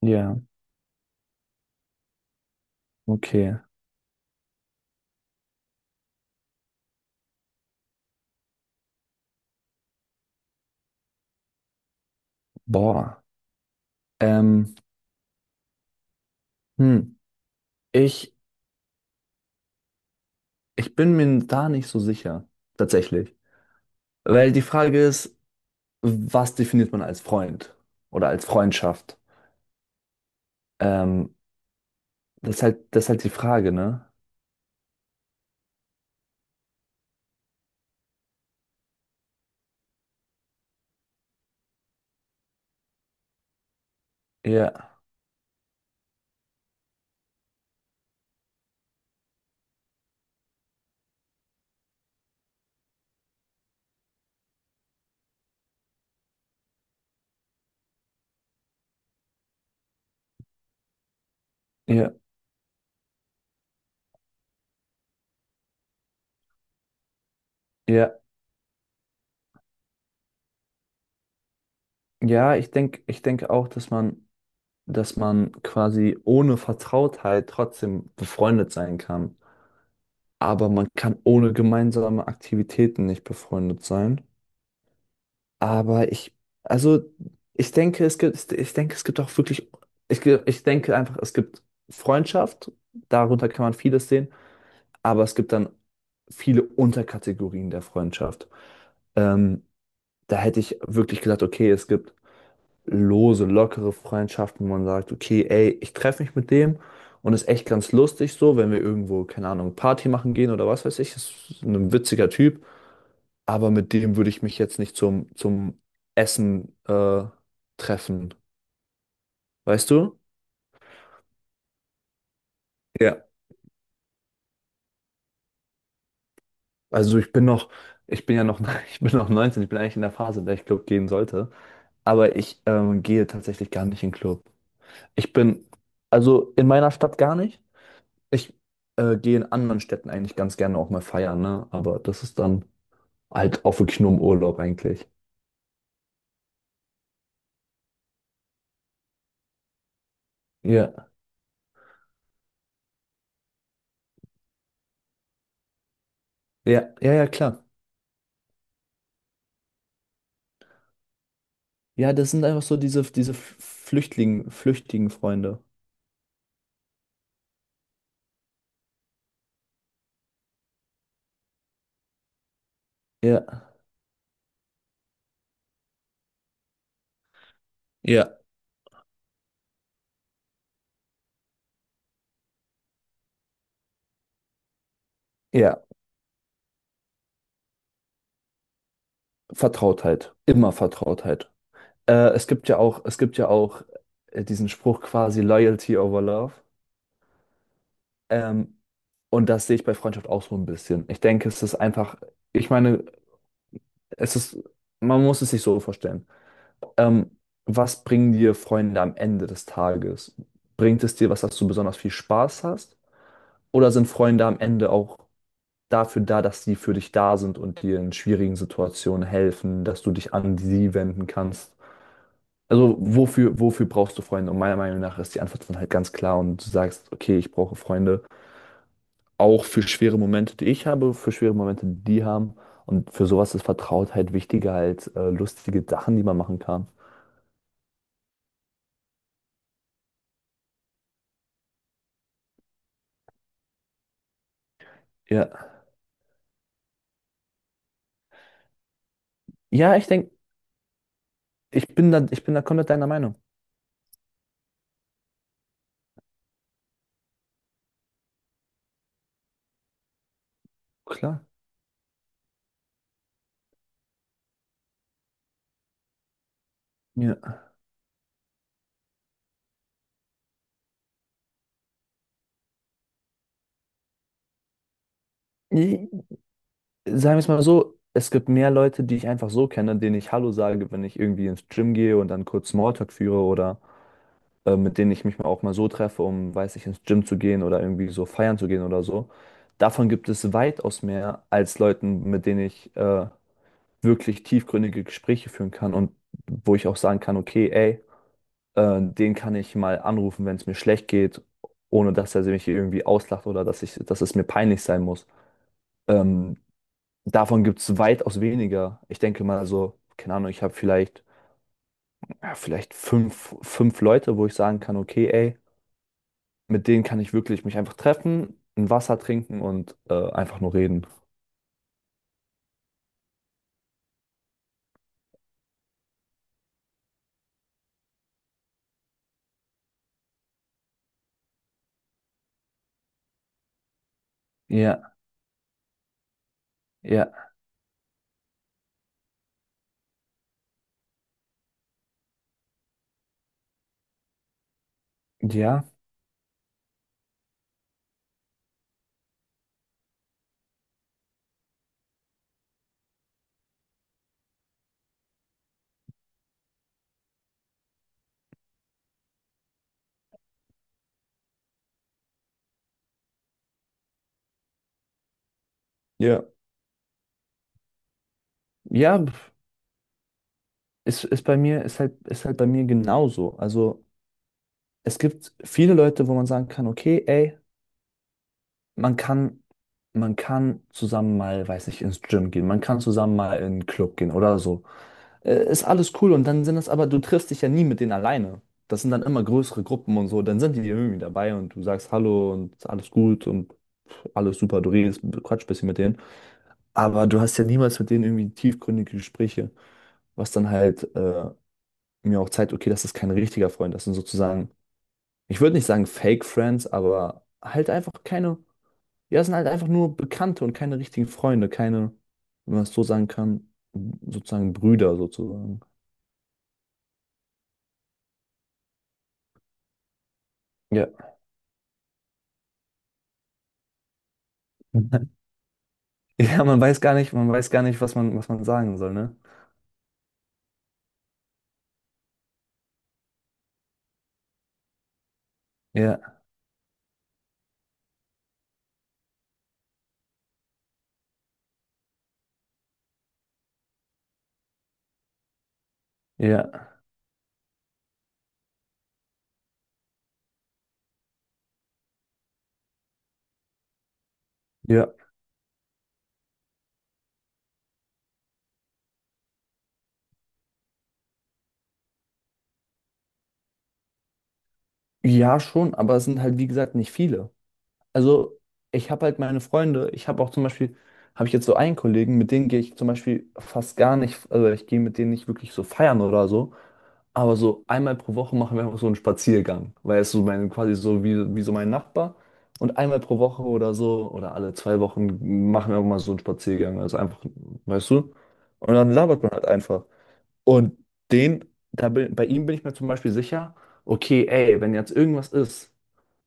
Ja, okay. Boah. Ähm, hm. Ich, ich bin mir da nicht so sicher, tatsächlich. Weil die Frage ist, was definiert man als Freund oder als Freundschaft? Ähm, Das ist halt, das ist halt die Frage, ne? Ja, ja, ja. Ja, ich denke auch, dass man quasi ohne Vertrautheit trotzdem befreundet sein kann. Aber man kann ohne gemeinsame Aktivitäten nicht befreundet sein. Aber also ich denke, es gibt, ich denke, es gibt auch wirklich, ich denke einfach, es gibt Freundschaft, darunter kann man vieles sehen, aber es gibt dann viele Unterkategorien der Freundschaft. Ähm, Da hätte ich wirklich gesagt, okay, es gibt lose, lockere Freundschaften, wo man sagt, okay, ey, ich treffe mich mit dem und ist echt ganz lustig so, wenn wir irgendwo, keine Ahnung, Party machen gehen oder was weiß ich, ist ein witziger Typ, aber mit dem würde ich mich jetzt nicht zum, zum Essen treffen. Weißt du? Ja. Also ich bin noch, ich bin ja noch, ich bin noch 19. Ich bin eigentlich in der Phase, in der ich Club gehen sollte. Aber ich gehe tatsächlich gar nicht in Club. Ich bin, also in meiner Stadt gar nicht. Ich gehe in anderen Städten eigentlich ganz gerne auch mal feiern, ne? Aber das ist dann halt auch wirklich nur im Urlaub eigentlich. Ja, ja, ja, ja, klar. Ja, das sind einfach so diese flüchtigen Freunde. Ja. Ja, ja, Vertrautheit. Immer Vertrautheit. Es gibt ja auch, diesen Spruch quasi Loyalty over Love. Ähm, und das sehe ich bei Freundschaft auch so ein bisschen. Ich denke, es ist einfach, ich meine, es ist, man muss es sich so vorstellen. Ähm, Was bringen dir Freunde am Ende des Tages? Bringt es dir was, dass du besonders viel Spaß hast? Oder sind Freunde am Ende auch dafür da, dass sie für dich da sind und dir in schwierigen Situationen helfen, dass du dich an sie wenden kannst? Also wofür brauchst du Freunde? Und meiner Meinung nach ist die Antwort dann halt ganz klar und du sagst, okay, ich brauche Freunde auch für schwere Momente, die ich habe, für schwere Momente, die die haben. Und für sowas ist Vertrautheit wichtiger als lustige Sachen, die man machen kann. Ja. Ja, ich denke, ich bin da komplett deiner Meinung. Klar. Ja. I- Sagen wir es mal so, es gibt mehr Leute, die ich einfach so kenne, denen ich Hallo sage, wenn ich irgendwie ins Gym gehe und dann kurz Smalltalk führe oder mit denen ich mich mal auch mal so treffe, um, weiß ich, ins Gym zu gehen oder irgendwie so feiern zu gehen oder so. Davon gibt es weitaus mehr als Leuten, mit denen ich wirklich tiefgründige Gespräche führen kann und wo ich auch sagen kann, okay, ey, den kann ich mal anrufen, wenn es mir schlecht geht, ohne dass er mich irgendwie auslacht oder dass es mir peinlich sein muss. Ähm, Davon gibt es weitaus weniger. Ich denke mal so, keine Ahnung, ich habe vielleicht, ja, vielleicht fünf Leute, wo ich sagen kann, okay, ey, mit denen kann ich wirklich mich einfach treffen, ein Wasser trinken und einfach nur reden. Ja, ja, ja. Ja. Ja, ist halt bei mir genauso. Also es gibt viele Leute, wo man sagen kann, okay, ey, man kann, man kann zusammen mal, weiß nicht, ins Gym gehen, man kann zusammen mal in einen Club gehen oder so. Ist alles cool, und dann sind das aber, du triffst dich ja nie mit denen alleine. Das sind dann immer größere Gruppen und so, dann sind die irgendwie dabei und du sagst Hallo und alles gut und alles super, du redest, quatsch ein bisschen mit denen. Aber du hast ja niemals mit denen irgendwie tiefgründige Gespräche, was dann halt mir auch zeigt, okay, das ist kein richtiger Freund, das sind sozusagen, ich würde nicht sagen Fake Friends, aber halt einfach keine, ja, es sind halt einfach nur Bekannte und keine richtigen Freunde, keine, wenn man es so sagen kann, sozusagen Brüder sozusagen. Ja. Ja, man weiß gar nicht, was man sagen soll, ne? Ja, ja, ja. Ja, schon, aber es sind halt, wie gesagt, nicht viele. Also ich habe halt meine Freunde, ich habe auch zum Beispiel, habe ich jetzt so einen Kollegen, mit denen gehe ich zum Beispiel fast gar nicht, also ich gehe mit denen nicht wirklich so feiern oder so, aber so einmal pro Woche machen wir einfach so einen Spaziergang, weil es so mein, quasi so wie, wie so mein Nachbar, und einmal pro Woche oder so oder alle 2 Wochen machen wir auch mal so einen Spaziergang, also einfach, weißt du, und dann labert man halt einfach. Und den, bei ihm bin ich mir zum Beispiel sicher, okay, ey, wenn jetzt irgendwas ist,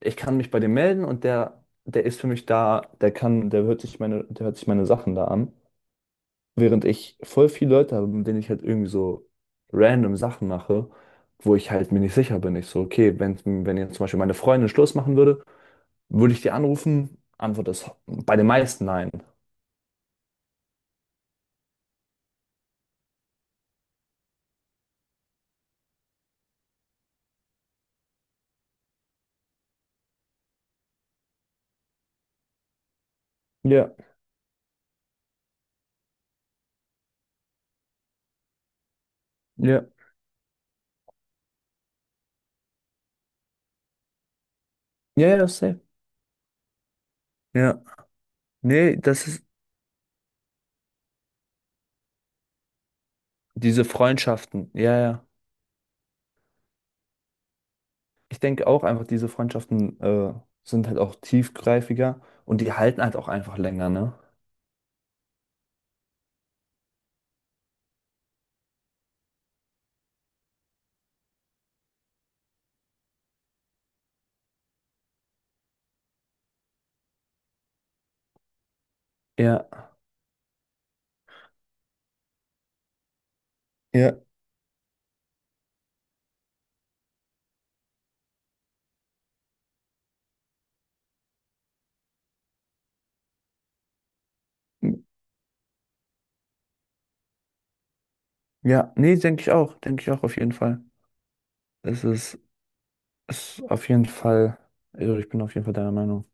ich kann mich bei dem melden und der ist für mich da, der hört sich meine, der hört sich meine Sachen da an. Während ich voll viele Leute habe, mit denen ich halt irgendwie so random Sachen mache, wo ich halt mir nicht sicher bin. Ich so, okay, wenn jetzt zum Beispiel meine Freundin Schluss machen würde, würde ich die anrufen? Antwort ist bei den meisten nein. Ja, ja, ja, ja, safe. Ja, nee, das ist diese Freundschaften. Ja, ja. Ich denke auch einfach, diese Freundschaften sind halt auch tiefgreifiger und die halten halt auch einfach länger, ne? Ja, ja, m- ja, nee, denke ich auch auf jeden Fall. Es ist, Es ist auf jeden Fall, also ich bin auf jeden Fall deiner Meinung.